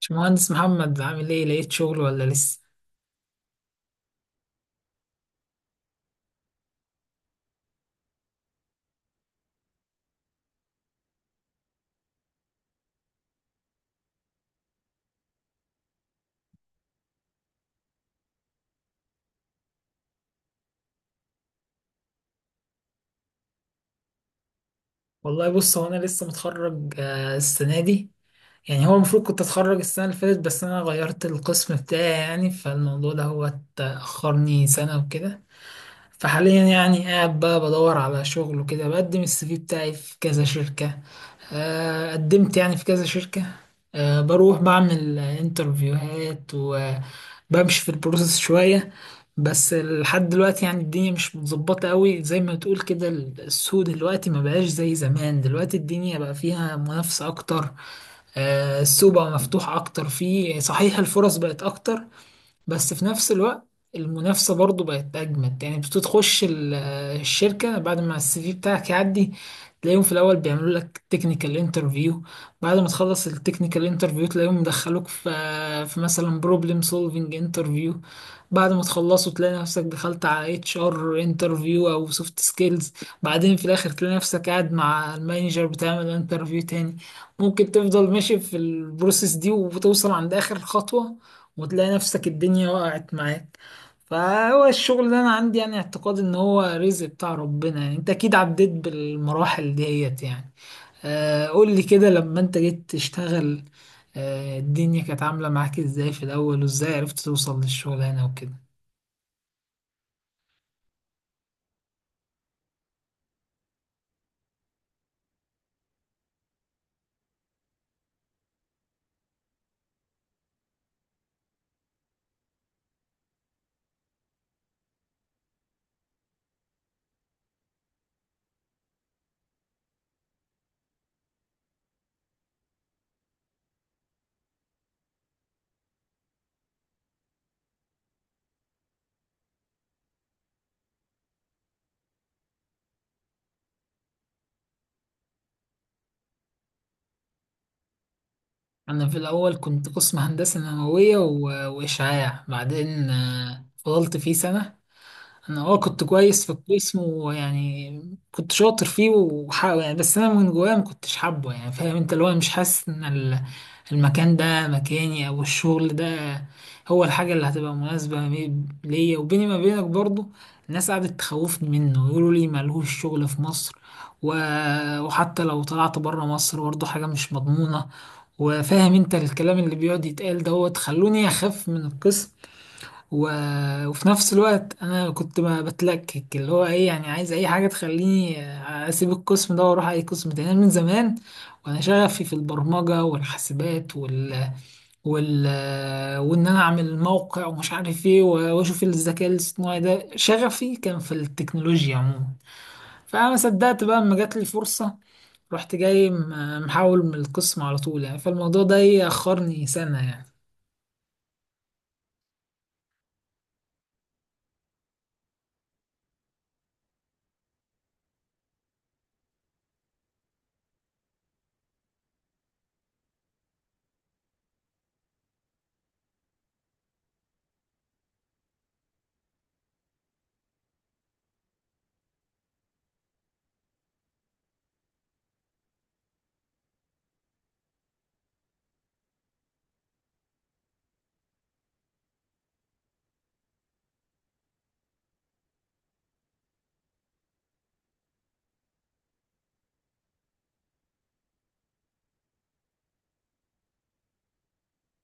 باشمهندس محمد، عامل ايه؟ لقيت شغل ولا لسه؟ والله بص، هو انا لسه متخرج السنه دي. يعني هو المفروض كنت اتخرج السنه اللي فاتت، بس انا غيرت القسم بتاعي يعني، فالموضوع ده هو اتاخرني سنه وكده. فحاليا يعني قاعد بقى بدور على شغل وكده، بقدم السي في بتاعي في كذا شركة. قدمت يعني في كذا شركة. بروح بعمل انترفيوهات وبمشي في البروسيس شوية. بس لحد دلوقتي يعني الدنيا مش متظبطة قوي زي ما تقول كده. السوق دلوقتي ما بقاش زي زمان، دلوقتي الدنيا بقى فيها منافسة أكتر. السوق بقى مفتوح أكتر، فيه صحيح الفرص بقت أكتر، بس في نفس الوقت المنافسة برضو بقت أجمد. يعني بتخش الشركة بعد ما السي في بتاعك يعدي، تلاقيهم في الأول بيعملوا لك تكنيكال انترفيو. بعد ما تخلص التكنيكال انترفيو تلاقيهم مدخلوك في مثلا بروبلم سولفينج انترفيو. بعد ما تخلصوا تلاقي نفسك دخلت على اتش ار انترفيو أو سوفت سكيلز. بعدين في الآخر تلاقي نفسك قاعد مع المانجر بتعمل انترفيو تاني. ممكن تفضل ماشي في البروسيس دي وتوصل عند آخر خطوة، وتلاقي نفسك الدنيا وقعت معاك. فهو الشغل ده انا عندي يعني اعتقاد ان هو رزق بتاع ربنا. يعني انت اكيد عديت بالمراحل ديت يعني. آه، قول لي كده لما انت جيت تشتغل، آه، الدنيا كانت عاملة معاك ازاي في الاول، وازاي عرفت توصل للشغلانة وكده؟ انا في الاول كنت قسم هندسة نووية واشعاع. بعدين فضلت فيه سنة. انا كنت كويس في القسم ويعني كنت شاطر فيه يعني، بس انا من جوايا ما كنتش حابه. يعني فاهم انت، اللي هو مش حاسس ان المكان ده مكاني، او الشغل ده هو الحاجه اللي هتبقى مناسبه ليا وبيني ما بينك برضو. الناس قعدت تخوفني منه، يقولوا لي ملهوش شغل في مصر، و... وحتى لو طلعت بره مصر برضو حاجه مش مضمونه. وفاهم انت الكلام اللي بيقعد يتقال دوت، خلوني اخاف من القسم، و... وفي نفس الوقت انا كنت بتلكك. اللي هو ايه، يعني عايز اي حاجه تخليني اسيب القسم ده واروح اي قسم تاني. أنا من زمان وانا شغفي في البرمجه والحاسبات وال... وان انا اعمل موقع ومش عارف ايه، واشوف الذكاء الاصطناعي ده. شغفي كان في التكنولوجيا عموما، فانا ما صدقت بقى اما جات لي فرصه، رحت جاي محول من القسم على طول. يعني فالموضوع ده يأخرني سنه يعني.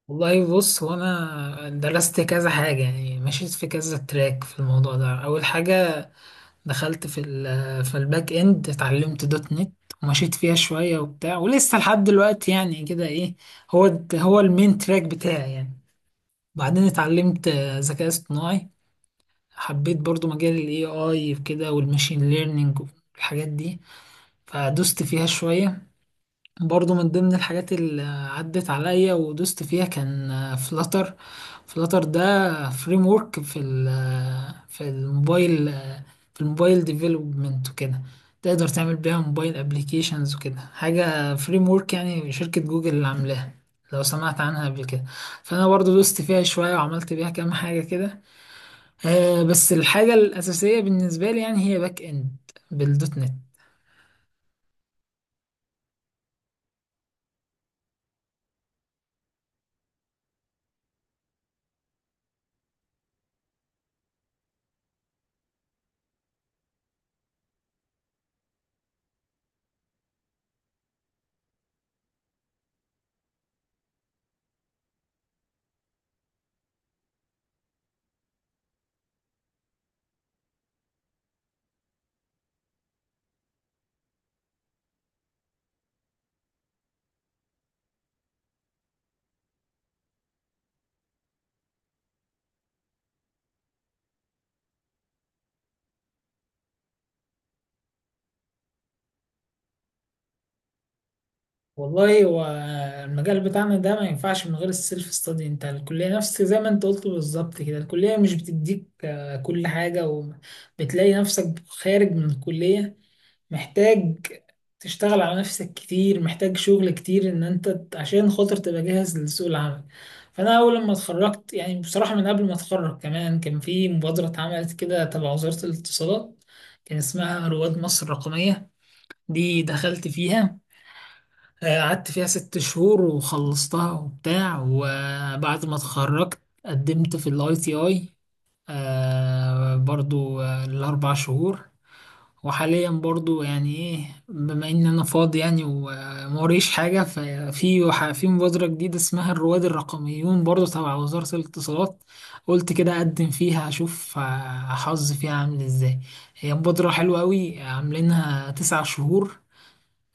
والله بص، هو انا درست كذا حاجة يعني، مشيت في كذا تراك في الموضوع ده. أول حاجة دخلت في في الباك إند، اتعلمت دوت نت ومشيت فيها شوية وبتاع، ولسه لحد دلوقتي يعني كده. إيه، هو هو المين تراك بتاعي يعني. بعدين اتعلمت ذكاء اصطناعي، حبيت برضو مجال ال AI وكده، والماشين ليرنينج والحاجات دي، فدوست فيها شوية. برضو من ضمن الحاجات اللي عدت عليا ودوست فيها كان فلاتر. فلاتر ده فريم ورك في في الموبايل، في الموبايل ديفلوبمنت وكده. تقدر تعمل بيها موبايل ابليكيشنز وكده، حاجة فريم ورك يعني، شركة جوجل اللي عاملاها، لو سمعت عنها قبل كده. فانا برضو دوست فيها شوية وعملت بيها كام حاجة كده. بس الحاجة الأساسية بالنسبة لي يعني هي باك اند، بالدوت نت. والله، هو المجال بتاعنا ده ما ينفعش من غير السيلف ستادي. انت الكلية نفس زي ما انت قلت بالظبط كده، الكلية مش بتديك كل حاجة، وبتلاقي نفسك خارج من الكلية محتاج تشتغل على نفسك كتير، محتاج شغل كتير ان انت عشان خاطر تبقى جاهز لسوق العمل. فانا اول لما اتخرجت يعني، بصراحة من قبل ما اتخرج كمان، كان في مبادرة اتعملت كده تبع وزارة الاتصالات، كان اسمها رواد مصر الرقمية. دي دخلت فيها، قعدت فيها ست شهور وخلصتها وبتاع. وبعد ما اتخرجت قدمت في الاي تي اي برضو، الاربع شهور. وحاليا برضو يعني ايه، بما ان انا فاضي يعني وموريش حاجة، ففي في مبادرة جديدة اسمها الرواد الرقميون، برضو تبع وزارة الاتصالات، قلت كده اقدم فيها، اشوف حظي فيها عامل ازاي. هي مبادرة حلوة قوي، عاملينها تسع شهور،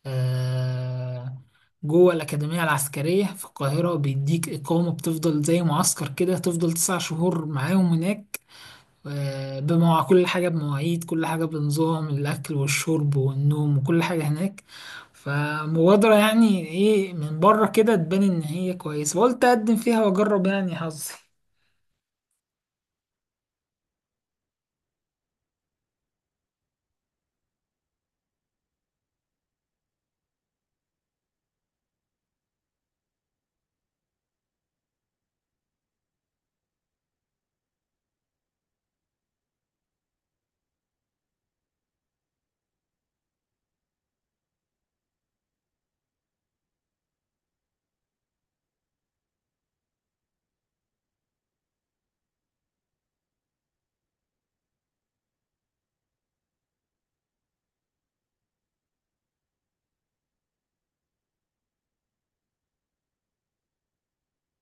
آه، جوه الأكاديمية العسكرية في القاهرة. بيديك إقامة، بتفضل زي معسكر كده، تفضل تسع شهور معاهم هناك. بمواع كل حاجة، بمواعيد كل حاجة، بنظام الأكل والشرب والنوم وكل حاجة هناك. فمبادرة يعني إيه، من بره كده تبان إن هي كويسة، وقلت أقدم فيها وأجرب يعني حظي.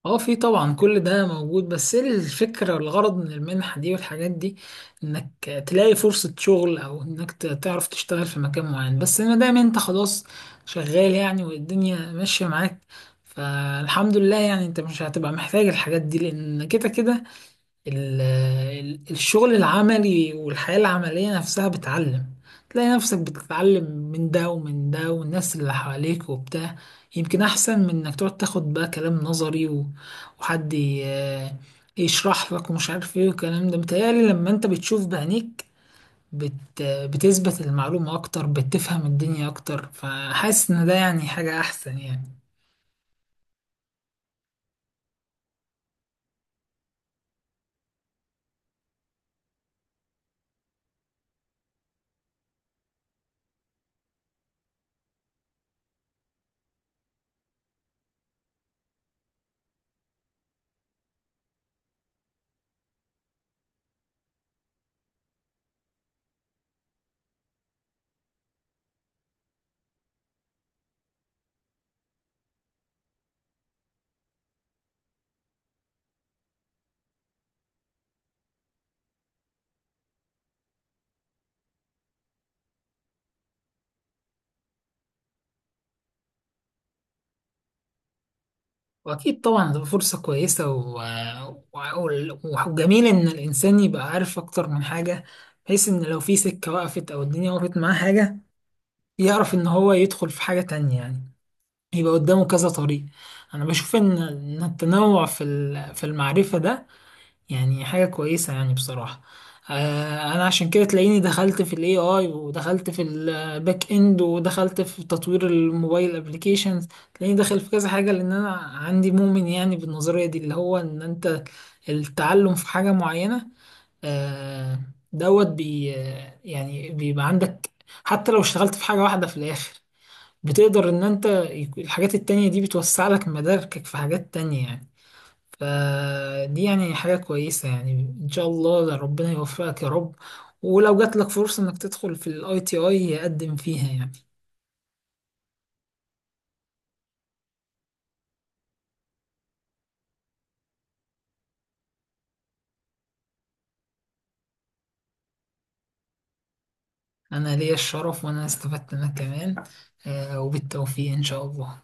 اه، في طبعا كل ده موجود، بس ايه الفكرة والغرض من المنحة دي والحاجات دي؟ انك تلاقي فرصة شغل، او انك تعرف تشتغل في مكان معين. بس ما دام انت خلاص شغال يعني، والدنيا ماشية معاك، فالحمد لله يعني، انت مش هتبقى محتاج الحاجات دي، لان كده كده ال- الشغل العملي والحياة العملية نفسها بتعلم. تلاقي نفسك بتتعلم من ده ومن ده والناس اللي حواليك وبتاع، يمكن أحسن من إنك تقعد تاخد بقى كلام نظري وحد يشرح لك ومش عارف إيه. والكلام ده متهيألي لما أنت بتشوف بعينيك بتثبت المعلومة أكتر، بتفهم الدنيا أكتر، فحاسس إن ده يعني حاجة أحسن يعني. واكيد طبعا هتبقى فرصه كويسه و... وجميل ان الانسان يبقى عارف اكتر من حاجه، بحيث ان لو في سكه وقفت او الدنيا وقفت معاه حاجه، يعرف ان هو يدخل في حاجه تانية يعني، يبقى قدامه كذا طريق. انا بشوف ان التنوع في في المعرفه ده يعني حاجة كويسة يعني، بصراحة. انا عشان كده تلاقيني دخلت في الاي اي، ودخلت في الباك اند، ودخلت في تطوير الموبايل ابليكيشنز. تلاقيني داخل في كذا حاجة، لان انا عندي مؤمن يعني بالنظرية دي، اللي هو ان انت التعلم في حاجة معينة، آه، دوت بي يعني بيبقى عندك، حتى لو اشتغلت في حاجة واحدة في الاخر، بتقدر ان انت الحاجات التانية دي بتوسع لك مداركك في حاجات تانية يعني. فدي يعني حاجة كويسة يعني. إن شاء الله ربنا يوفقك يا رب، ولو جات لك فرصة إنك تدخل في الاي تي اي، قدم فيها يعني. أنا ليا الشرف، وأنا استفدت منك كمان. وبالتوفيق إن شاء الله.